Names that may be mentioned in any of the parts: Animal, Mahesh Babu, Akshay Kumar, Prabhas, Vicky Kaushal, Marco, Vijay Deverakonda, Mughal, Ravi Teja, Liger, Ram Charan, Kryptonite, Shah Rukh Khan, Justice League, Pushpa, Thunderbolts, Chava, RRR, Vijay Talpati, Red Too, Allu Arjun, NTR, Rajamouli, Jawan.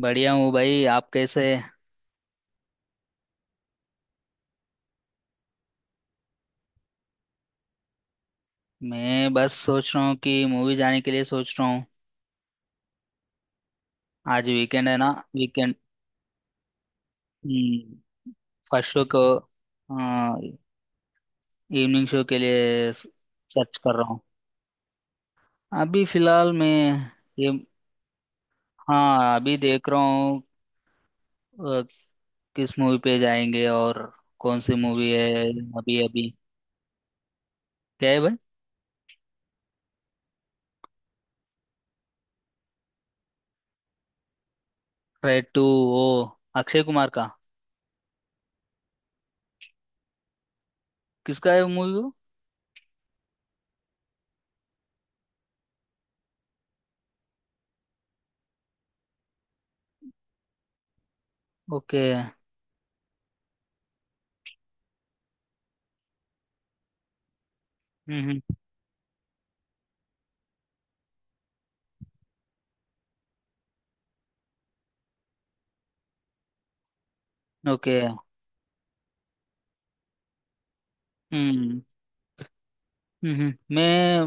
बढ़िया हूँ भाई। आप कैसे? मैं बस सोच रहा हूँ कि मूवी जाने के लिए सोच रहा हूँ। आज वीकेंड है ना। वीकेंड। हम्म। फर्स्ट शो को इवनिंग शो के लिए सर्च कर रहा हूँ। अभी फिलहाल मैं ये, हाँ अभी देख रहा हूँ। अ, किस मूवी पे जाएंगे और कौन सी मूवी है? अभी अभी क्या है भाई? रेड टू वो अक्षय कुमार का, किसका है मूवी, वो मूवी? वो? ओके। हम्म। ओके। हम्म, okay। हम्म। मैं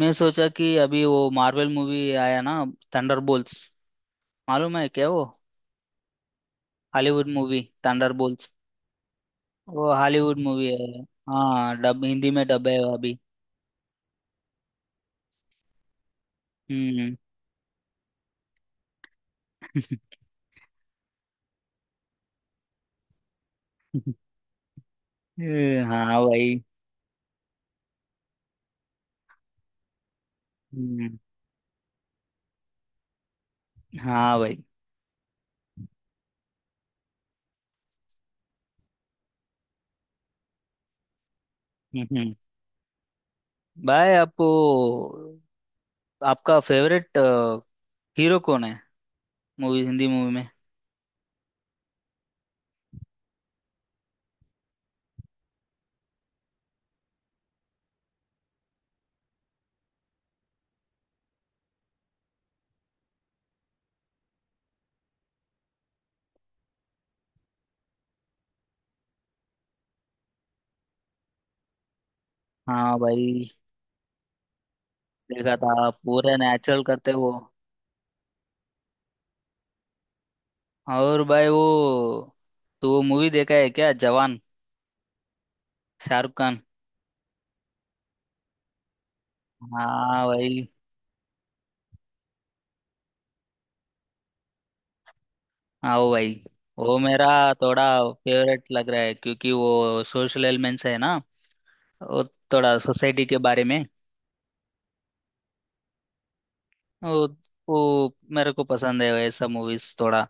मैं सोचा कि अभी वो मार्वल मूवी आया ना, थंडरबोल्ट्स। मालूम है क्या वो हॉलीवुड मूवी, थंडरबोल्ट्स? वो हॉलीवुड मूवी है। हाँ डब, हिंदी में डब है वो अभी। हम्म। हाँ भाई। हम्म। हाँ भाई। हम्म। भाई आपको, आपका फेवरेट हीरो कौन है मूवी, हिंदी मूवी में? हाँ भाई। देखा था, पूरा नेचुरल करते वो। और भाई वो, तो वो मूवी देखा है क्या, जवान, शाहरुख खान? हाँ भाई। आओ भाई। वो मेरा थोड़ा फेवरेट लग रहा है, क्योंकि वो सोशल एलिमेंट्स है ना, वो थोड़ा सोसाइटी के बारे में। वो वो मेरे को पसंद है ऐसा मूवीज थोड़ा।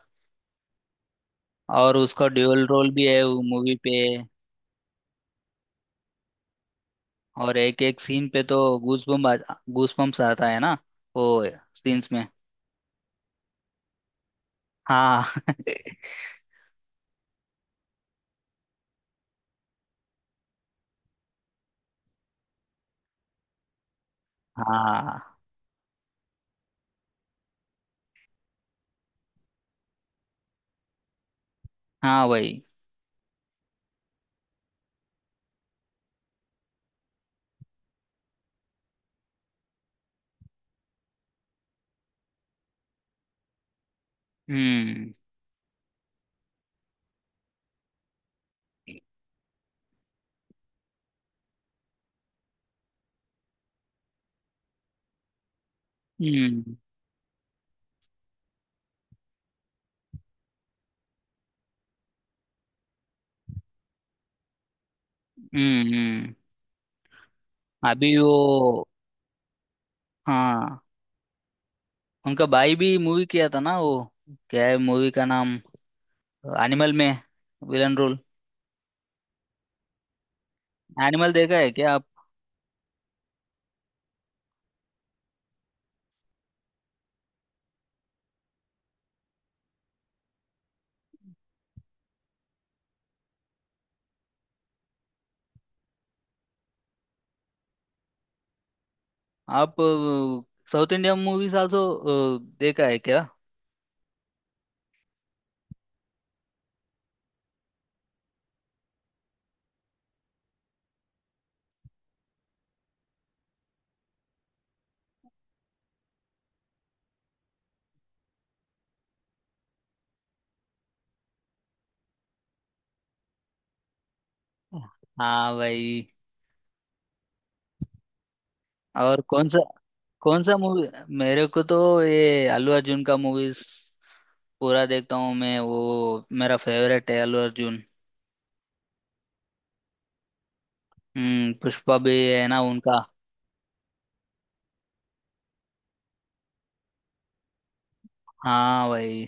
और उसका ड्यूअल रोल भी है वो मूवी पे। और एक एक सीन पे तो गूस बम, गूस बम्स आता है ना वो सीन्स में। हाँ। हाँ। हाँ भाई। हम्म हम्म। हम्म। अभी वो, हाँ उनका भाई भी मूवी किया था ना वो, क्या है मूवी का नाम, एनिमल में विलन रोल। एनिमल देखा है क्या आप? आप साउथ इंडियन मूवीज आल्सो देखा है क्या? हाँ भाई। और कौन सा, कौन सा मूवी? मेरे को तो ये अल्लू अर्जुन का मूवीज पूरा देखता हूँ मैं। वो मेरा फेवरेट है, अल्लू अर्जुन। हम्म, पुष्पा भी है ना उनका। हाँ भाई।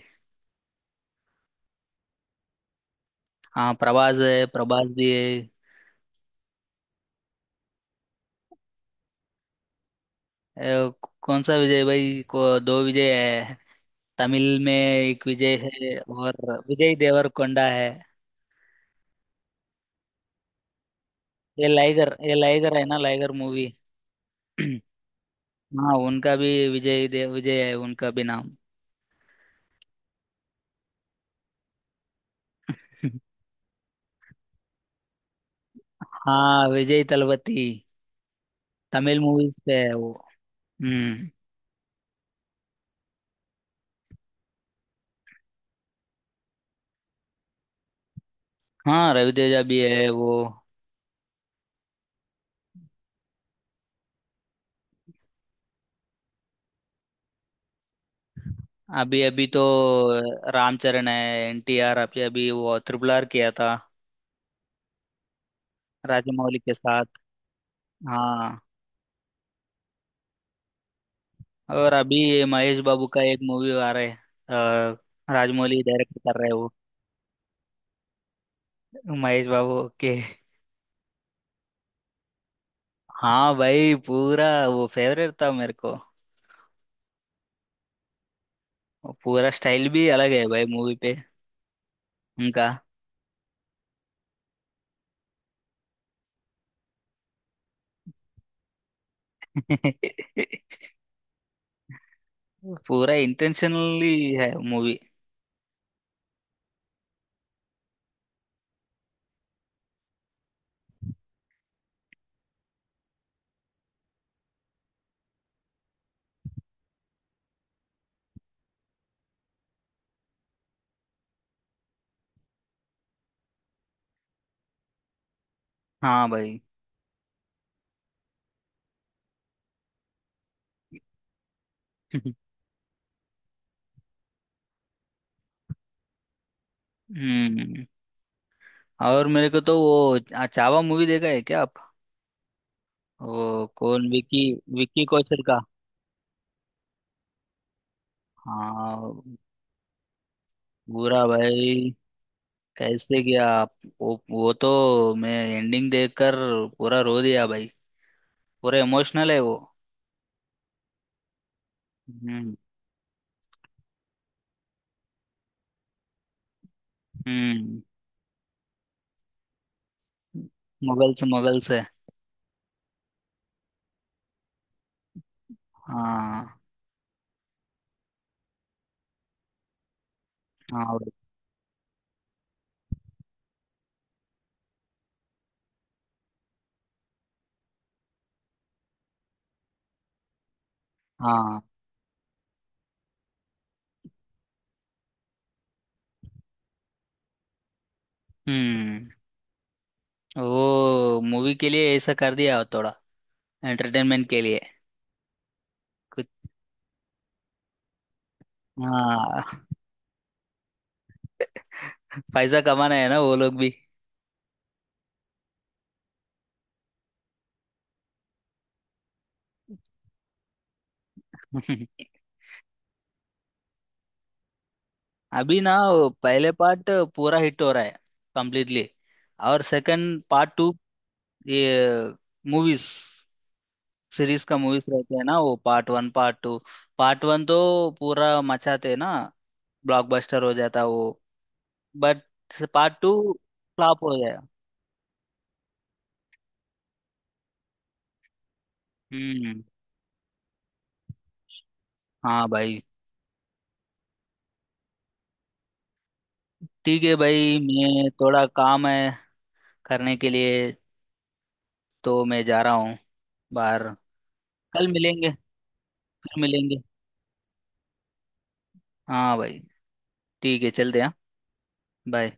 हाँ प्रभास है, प्रभास भी है। ए, कौन सा विजय भाई को? दो विजय है। तमिल में एक विजय है, और विजय देवरकोंडा है। ये लाइगर, ये लाइगर है ना, लाइगर मूवी। हाँ उनका भी, विजय देव, विजय है उनका भी नाम। हाँ विजय तलपति, तमिल मूवीज पे है वो। हम्म। हाँ रवि तेजा भी है वो। अभी अभी तो रामचरण है, एनटीआर। अभी अभी वो ट्रिपल आर किया था, राजमौली के साथ। हाँ। और अभी ये महेश बाबू का एक मूवी आ रहा है, राजमौली डायरेक्ट कर रहे हैं। महेश बाबू, ओके। हाँ भाई, पूरा वो फेवरेट था मेरे को। और पूरा स्टाइल भी अलग है भाई मूवी पे, उनका। पूरा इंटेंशनली है मूवी। हाँ भाई। हम्म। और मेरे को तो वो चावा मूवी देखा है क्या आप? वो कौन, विकी, विकी कौशल का। हाँ पूरा भाई। कैसे गया आप? वो तो मैं एंडिंग देखकर पूरा रो दिया भाई। पूरा इमोशनल है वो। हम्म। हम्म। मुगल्स, मुगल्स है। हाँ। हाँ भाई। हाँ। हम्म। वो मूवी के लिए ऐसा कर दिया हो थोड़ा, एंटरटेनमेंट के लिए कुछ। हाँ। पैसा कमाना है ना वो लोग भी। अभी ना वो पहले पार्ट पूरा हिट हो रहा है, कंप्लीटली, और सेकंड पार्ट टू, ये मूवीज सीरीज का मूवीज रहते हैं ना वो, part one part two. Part one तो पूरा मचाते हैं ना, ब्लॉकबस्टर हो जाता वो। बट पार्ट टू फ्लॉप हो गया। हम्म। हाँ भाई, ठीक है भाई, मैं थोड़ा काम है करने के लिए, तो मैं जा रहा हूँ बाहर। कल मिलेंगे, फिर मिलेंगे। हाँ भाई, ठीक है चलते हैं। बाय।